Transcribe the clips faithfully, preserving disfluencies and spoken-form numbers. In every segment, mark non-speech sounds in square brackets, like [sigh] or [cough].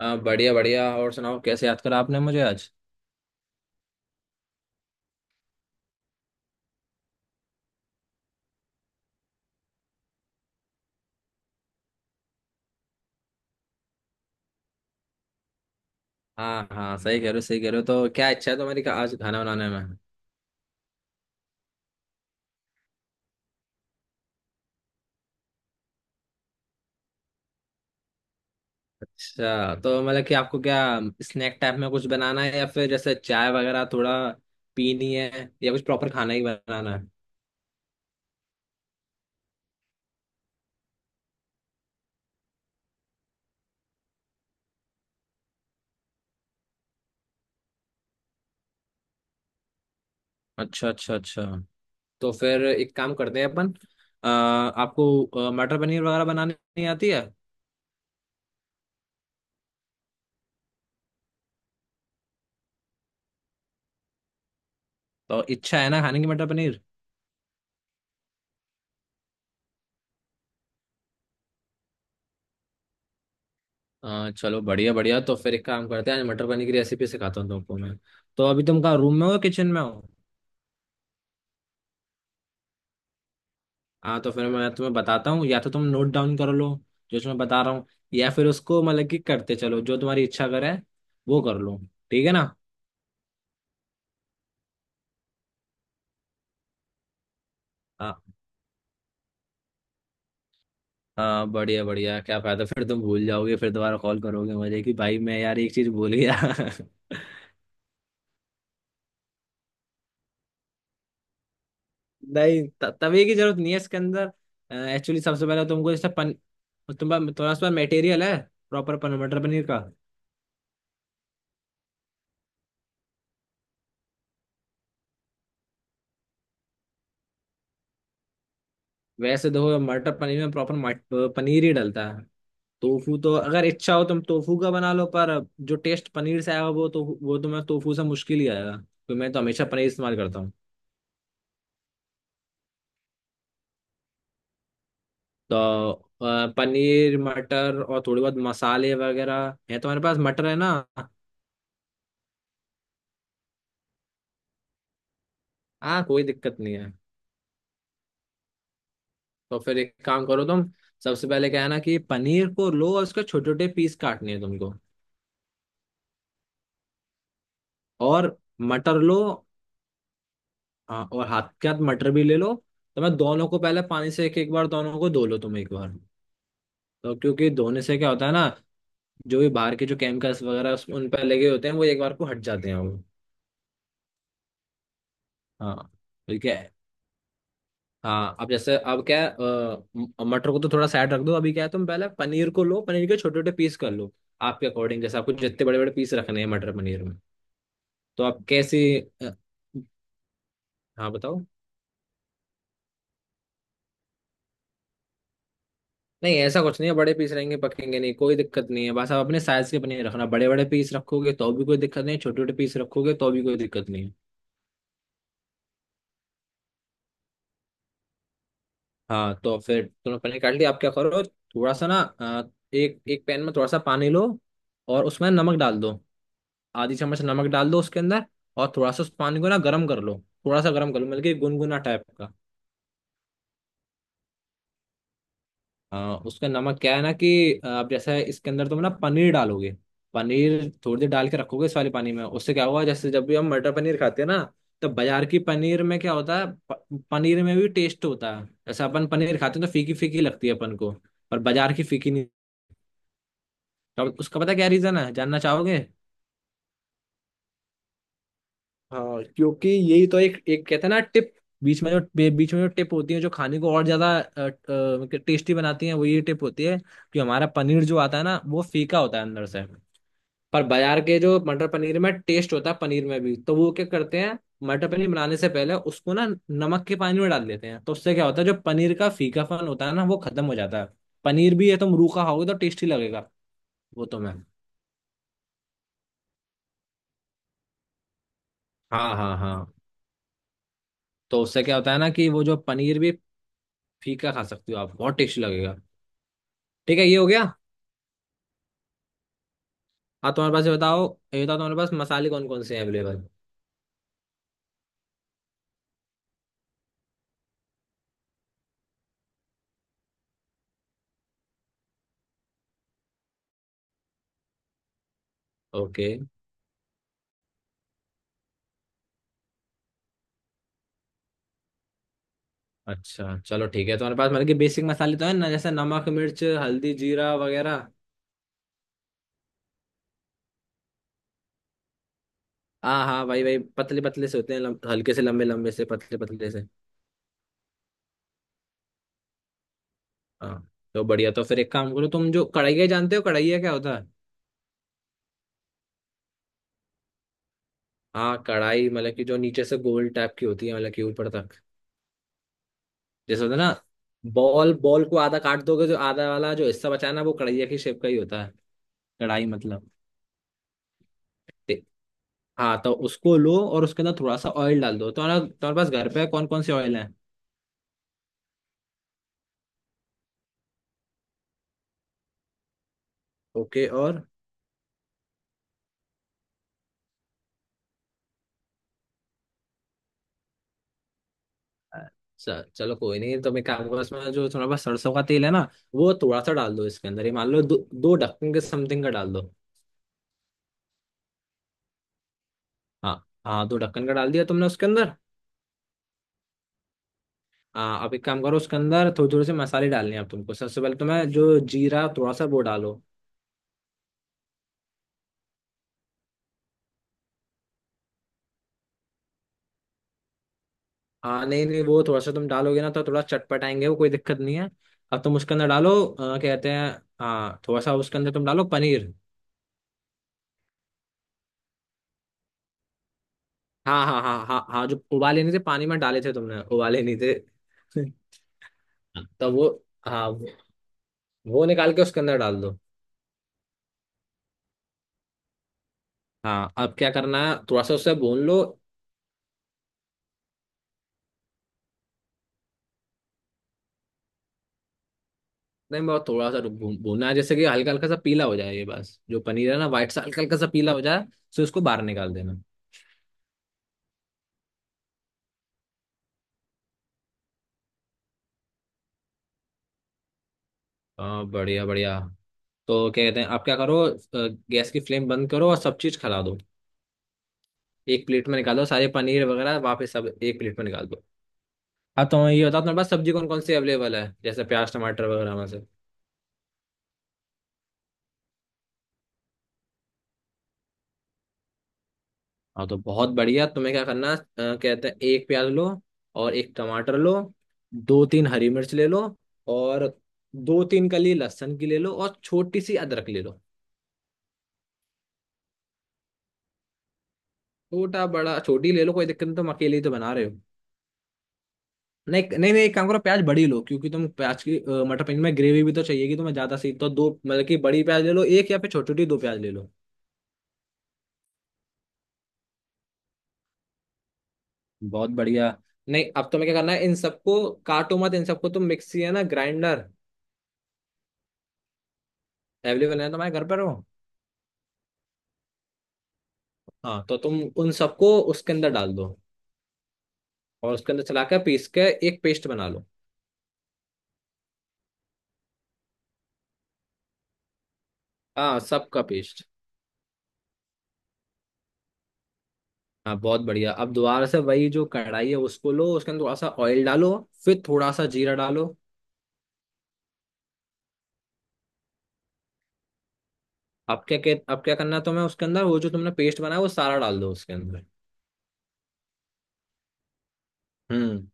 आ, बढ़िया बढ़िया और सुनाओ कैसे याद करा आपने मुझे आज। हाँ, हाँ, सही कह रहे हो, सही कह रहे हो। तो क्या इच्छा है तुम्हारी का- आज खाना बनाने में। अच्छा, तो मतलब कि आपको क्या स्नैक टाइप में कुछ बनाना है, या फिर जैसे चाय वगैरह थोड़ा पीनी है, या कुछ प्रॉपर खाना ही बनाना है। अच्छा, अच्छा, अच्छा। तो फिर एक काम करते हैं अपन, आ, आपको आ, मटर पनीर वगैरह बनानी आती है? तो इच्छा है ना खाने की मटर पनीर? आ, चलो, बढ़िया बढ़िया। तो फिर एक काम करते हैं, आज मटर पनीर की रेसिपी सिखाता हूँ तुमको मैं। तो अभी तुम कहाँ, रूम में हो किचन में हो? हाँ, तो फिर मैं तुम्हें बताता हूँ, या तो तुम नोट डाउन कर लो जो मैं बता रहा हूँ, या फिर उसको मतलब कि करते चलो, जो तुम्हारी इच्छा करे वो कर लो। ठीक है ना? हाँ हाँ, बढ़िया बढ़िया। क्या फायदा, फिर तुम भूल जाओगे, फिर दोबारा कॉल करोगे मुझे कि भाई मैं यार एक चीज भूल गया। [laughs] नहीं, त- तभी की जरूरत नहीं है इसके अंदर। एक्चुअली सबसे पहले तुमको इससे पन तुम्हारा तुम्हारे पास मटेरियल है प्रॉपर पन मटर पनीर का? वैसे देखो, मटर पनीर में प्रॉपर पनीर ही डलता है। टोफू तो अगर इच्छा हो तुम टोफू का बना लो, पर जो टेस्ट पनीर से आएगा वो तो वो तुम्हें टोफू से मुश्किल ही आएगा। तो मैं तो हमेशा पनीर इस्तेमाल करता हूँ। तो अ, पनीर मटर और थोड़ी बहुत मसाले वगैरह है, तुम्हारे पास मटर है ना? हाँ, कोई दिक्कत नहीं है। तो फिर एक काम करो तुम, सबसे पहले क्या है ना कि पनीर को लो और उसके छोटे छोटे पीस काटने हैं तुमको। और मटर लो। हाँ, और हाथ के हाथ मटर भी ले लो। तो मैं दोनों को पहले पानी से एक एक बार, दोनों को धो लो तुम एक बार। तो क्योंकि धोने से क्या होता है ना, जो भी बाहर के जो केमिकल्स वगैरह उस- उन पर लगे होते हैं वो एक बार को हट जाते हैं वो। हाँ, ठीक है। हाँ, अब जैसे, अब क्या है, अ, म- मटर को तो थोड़ा साइड रख दो। अभी क्या है, तुम पहले पनीर को लो, पनीर के छोटे छोटे पीस कर लो। आपके अकॉर्डिंग, जैसे आपको जितने बड़े बड़े पीस रखने हैं मटर पनीर में। तो आप कैसी अ, हाँ, बताओ। नहीं, ऐसा कुछ नहीं है, बड़े पीस रहेंगे पकेंगे नहीं, कोई दिक्कत नहीं है। बस आप अपने साइज के पनीर रखना, बड़े बड़े पीस रखोगे तो भी कोई दिक्कत नहीं, छोटे छोटे पीस रखोगे तो भी कोई दिक्कत नहीं है। हाँ, तो फिर तुमने पनीर काट लिया, आप क्या करो, थोड़ा सा ना अ, एक एक पैन में थोड़ा सा पानी लो, और उसमें नमक डाल दो। आधी चम्मच नमक डाल दो उसके अंदर। और थोड़ा सा उस पानी को ना गर्म कर लो, थोड़ा सा गर्म कर लो मतलब कि गुनगुना टाइप का। हाँ, उसका नमक क्या है ना कि आ, आप जैसे इसके अंदर तुम ना पनीर डालोगे, पनीर थोड़ी देर डाल के रखोगे इस वाले पानी में, उससे क्या हुआ, जैसे जब भी हम मटर पनीर खाते हैं ना। तो बाजार की पनीर में क्या होता है, प- पनीर में भी टेस्ट होता है, जैसे अपन पनीर खाते हैं तो फीकी फीकी लगती है अपन को। पर बाजार की फीकी नहीं। तो उसका पता क्या रीजन है, जानना चाहोगे? हाँ, क्योंकि यही तो एक एक कहते हैं ना टिप, बीच में जो बे- बीच में जो टिप होती है, जो खाने को और ज्यादा टेस्टी बनाती है वो ये टिप होती है, कि हमारा पनीर जो आता है ना वो फीका होता है अंदर से। पर बाजार के जो मटर पनीर में टेस्ट होता है, पनीर में भी, तो वो क्या करते हैं, मटर पनीर बनाने से पहले उसको ना नमक के पानी में डाल देते हैं, तो उससे क्या होता है, जो पनीर का फीकापन होता है ना वो खत्म हो जाता है। पनीर भी है, तुम रूखा खाओगे तो टेस्टी लगेगा वो। तो मैं। हाँ, हाँ, हाँ। तो उससे क्या होता है ना कि वो जो पनीर भी फीका खा सकती हो आप, बहुत टेस्टी लगेगा। ठीक है, ये हो गया। हाँ, तुम्हारे पास ये बताओ ये बताओ तुम्हारे पास मसाले कौन कौन से हैं अवेलेबल? ओके, अच्छा चलो ठीक है, तुम्हारे पास मतलब कि बेसिक मसाले तो है ना, जैसे नमक मिर्च हल्दी जीरा वगैरह? हाँ हाँ भाई भाई, पतले पतले से होते हैं, लम, हल्के से लंबे लंबे से पतले पतले से। हाँ, तो बढ़िया। तो फिर एक काम करो तुम, जो कढ़ाई, जानते हो कढ़ाई क्या होता है? हाँ, कढ़ाई मतलब कि जो नीचे से गोल टाइप की होती है, मतलब कि ऊपर तक, जैसे होता है ना, बॉल बॉल को आधा काट दोगे, जो आधा वाला जो हिस्सा बचा है ना वो कढ़ाई की शेप का ही होता है। कढ़ाई मतलब। ते- हाँ, तो उसको लो और उसके अंदर थोड़ा सा ऑयल डाल दो। तो तुम्हारा तुम्हारे पास घर पे कौन कौन से ऑयल है? ओके, और च- चलो, कोई नहीं। तो मैं क्या करूंगा इसमें, जो तुम्हारे पास सरसों का तेल है ना, वो थोड़ा सा डाल दो इसके अंदर, ये मान लो दो दो ढक्कन के समथिंग का डाल दो। हाँ, हाँ, दो ढक्कन का डाल दिया तुमने उसके अंदर। हाँ, अब एक काम करो, उसके अंदर थोड़े थोड़े से मसाले डालने हैं अब तुमको। सबसे पहले तुम्हें जो जीरा, थोड़ा सा वो डालो। हाँ, नहीं नहीं, वो थोड़ा सा तुम डालोगे ना तो थोड़ा चटपटाएंगे वो, कोई दिक्कत नहीं है। अब तुम उसके अंदर डालो अ, कहते हैं। हाँ, थोड़ा सा उसके अंदर तुम डालो पनीर। हाँ, हाँ, हाँ, हाँ, हाँ। जो उबाले नहीं थे, पानी में डाले थे तुमने, उबाले नहीं थे। [laughs] तो वो, हाँ, वो निकाल के उसके अंदर डाल दो। हाँ, अब क्या करना है, थोड़ा सा उससे भून लो। नहीं, बहुत थोड़ा सा भून- भूनना है, जैसे कि हल्का हल्का सा पीला हो जाए ये, बस जो पनीर है ना व्हाइट सा, हल्का हल्का सा पीला हो जाए तो इसको बाहर निकाल देना। हाँ, बढ़िया बढ़िया। तो क्या कहते हैं, आप क्या करो, अ, गैस की फ्लेम बंद करो और सब चीज खिला दो। एक प्लेट में निकालो सारे पनीर वगैरह, वापस सब एक प्लेट में निकाल दो। हाँ, तो ये बताओ तुम्हारे पास सब्जी कौन कौन सी अवेलेबल है, जैसे प्याज टमाटर वगैरह में से। हाँ, तो बहुत बढ़िया। तुम्हें क्या करना, अ, कहते हैं एक प्याज लो और एक टमाटर लो, दो तीन हरी मिर्च ले लो, और दो तीन कली लहसुन की ले लो, और छोटी सी अदरक ले लो। छोटा बड़ा छोटी ले लो, कोई दिक्कत नहीं, तुम अकेले ही तो बना रहे हो। नहीं नहीं नहीं, एक काम करो, प्याज बड़ी लो, क्योंकि तुम प्याज की अ, मटर पनीर में ग्रेवी भी तो चाहिएगी तुम्हें ज्यादा सी, तो दो मतलब कि बड़ी प्याज ले लो एक, या फिर छोटी छोटी दो प्याज ले लो। बहुत बढ़िया। नहीं, अब तुम्हें क्या करना है इन सबको, काटो मत इन सबको, तुम मिक्सी है ना ग्राइंडर अवेलेबल है तुम्हारे घर पर हो? हाँ, तो तुम उन सबको उसके अंदर डाल दो, और उसके अंदर चला के पीस के एक पेस्ट बना लो। हाँ, सबका पेस्ट। हाँ, बहुत बढ़िया। अब दोबारा से वही जो कढ़ाई है उसको लो, उसके अंदर थोड़ा सा ऑयल डालो, फिर थोड़ा सा जीरा डालो। अब क्या के, अब क्या करना है तुम्हें, उसके अंदर वो जो तुमने पेस्ट बनाया वो सारा डाल दो उसके अंदर। हम्म।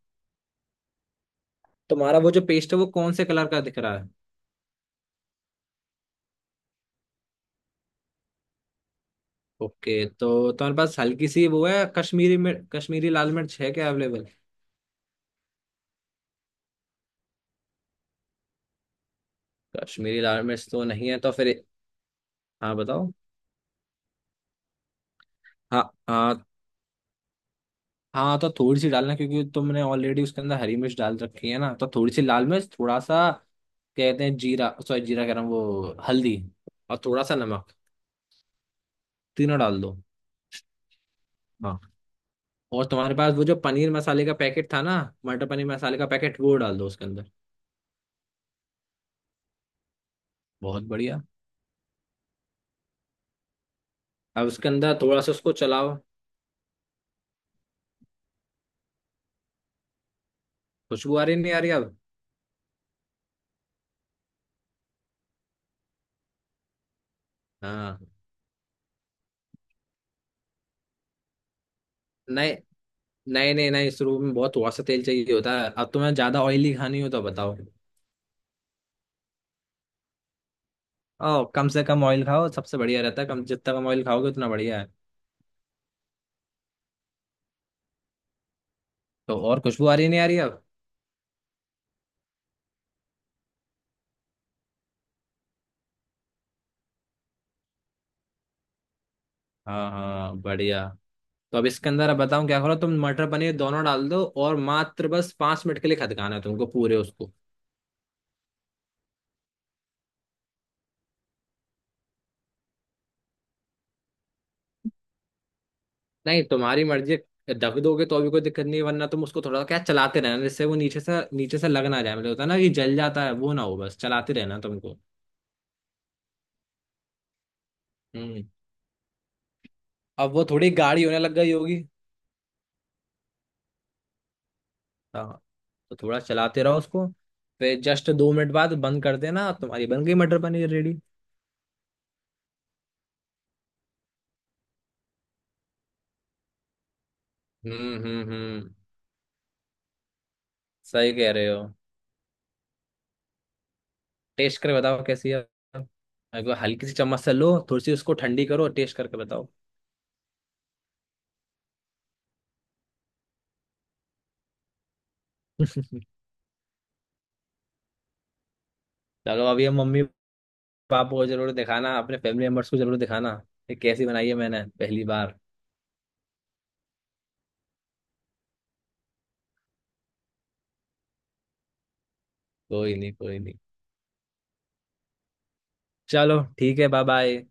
तुम्हारा वो जो पेस्ट है वो कौन से कलर का दिख रहा है? ओके, तो तुम्हारे पास हल्की सी वो है कश्मीरी मिर्च, कश्मीरी लाल मिर्च है क्या अवेलेबल? कश्मीरी लाल मिर्च तो नहीं है, तो फिर हाँ बताओ। हाँ, हाँ, हाँ, तो थोड़ी सी डालना क्योंकि तुमने ऑलरेडी उसके अंदर हरी मिर्च डाल रखी है ना, तो थोड़ी सी लाल मिर्च, थोड़ा सा कहते हैं जीरा, सॉरी जीरा कह रहा हूँ, वो हल्दी, और थोड़ा सा नमक, तीनों डाल दो। हाँ, और तुम्हारे पास वो जो पनीर मसाले का पैकेट था ना, मटर पनीर मसाले का पैकेट वो डाल दो उसके अंदर। बहुत बढ़िया। अब उसके अंदर थोड़ा सा उसको चलाओ। खुशबू आ रही नहीं आ रही अब? हाँ, नहीं नहीं नहीं नहीं, इस रूप में बहुत थोड़ा सा तेल चाहिए होता है, अब तुम्हें ज्यादा ऑयली खानी हो तो बताओ। ओ, कम से कम ऑयल खाओ सबसे बढ़िया रहता है, कम, जितना कम ऑयल खाओगे उतना बढ़िया है। तो और खुशबू आ रही नहीं आ रही अब? हाँ, हाँ, बढ़िया। तो अब इसके अंदर, अब बताऊं क्या करो, तुम मटर पनीर दोनों डाल दो, और मात्र बस पांच मिनट के लिए खदकाना है तुमको पूरे उसको। नहीं, तुम्हारी मर्जी, ढक दोगे तो भी कोई दिक्कत नहीं है, वरना तुम उसको थोड़ा क्या चलाते रहना, जिससे वो नीचे से नीचे से लग ना जाए, मतलब होता है ना कि जल जाता है वो ना हो, बस चलाते रहना तुमको। हम्म। अब वो थोड़ी गाढ़ी होने लग गई होगी। हाँ, तो थोड़ा चलाते रहो उसको। फिर जस्ट दो मिनट बाद बंद कर देना, तुम्हारी बन गई मटर पनीर रेडी। हम्म, हम्म, हम्म, सही कह रहे हो। टेस्ट करके बताओ कैसी है, एक बार हल्की सी चम्मच से लो, थोड़ी सी उसको ठंडी करो, टेस्ट करके बताओ। [laughs] तो अगर अभी हम, मम्मी पापा को जरूर दिखाना, अपने फैमिली मेम्बर्स को जरूर दिखाना, ये कैसी बनाई है मैंने पहली बार। कोई नहीं, कोई नहीं। चलो ठीक है, बाय बाय।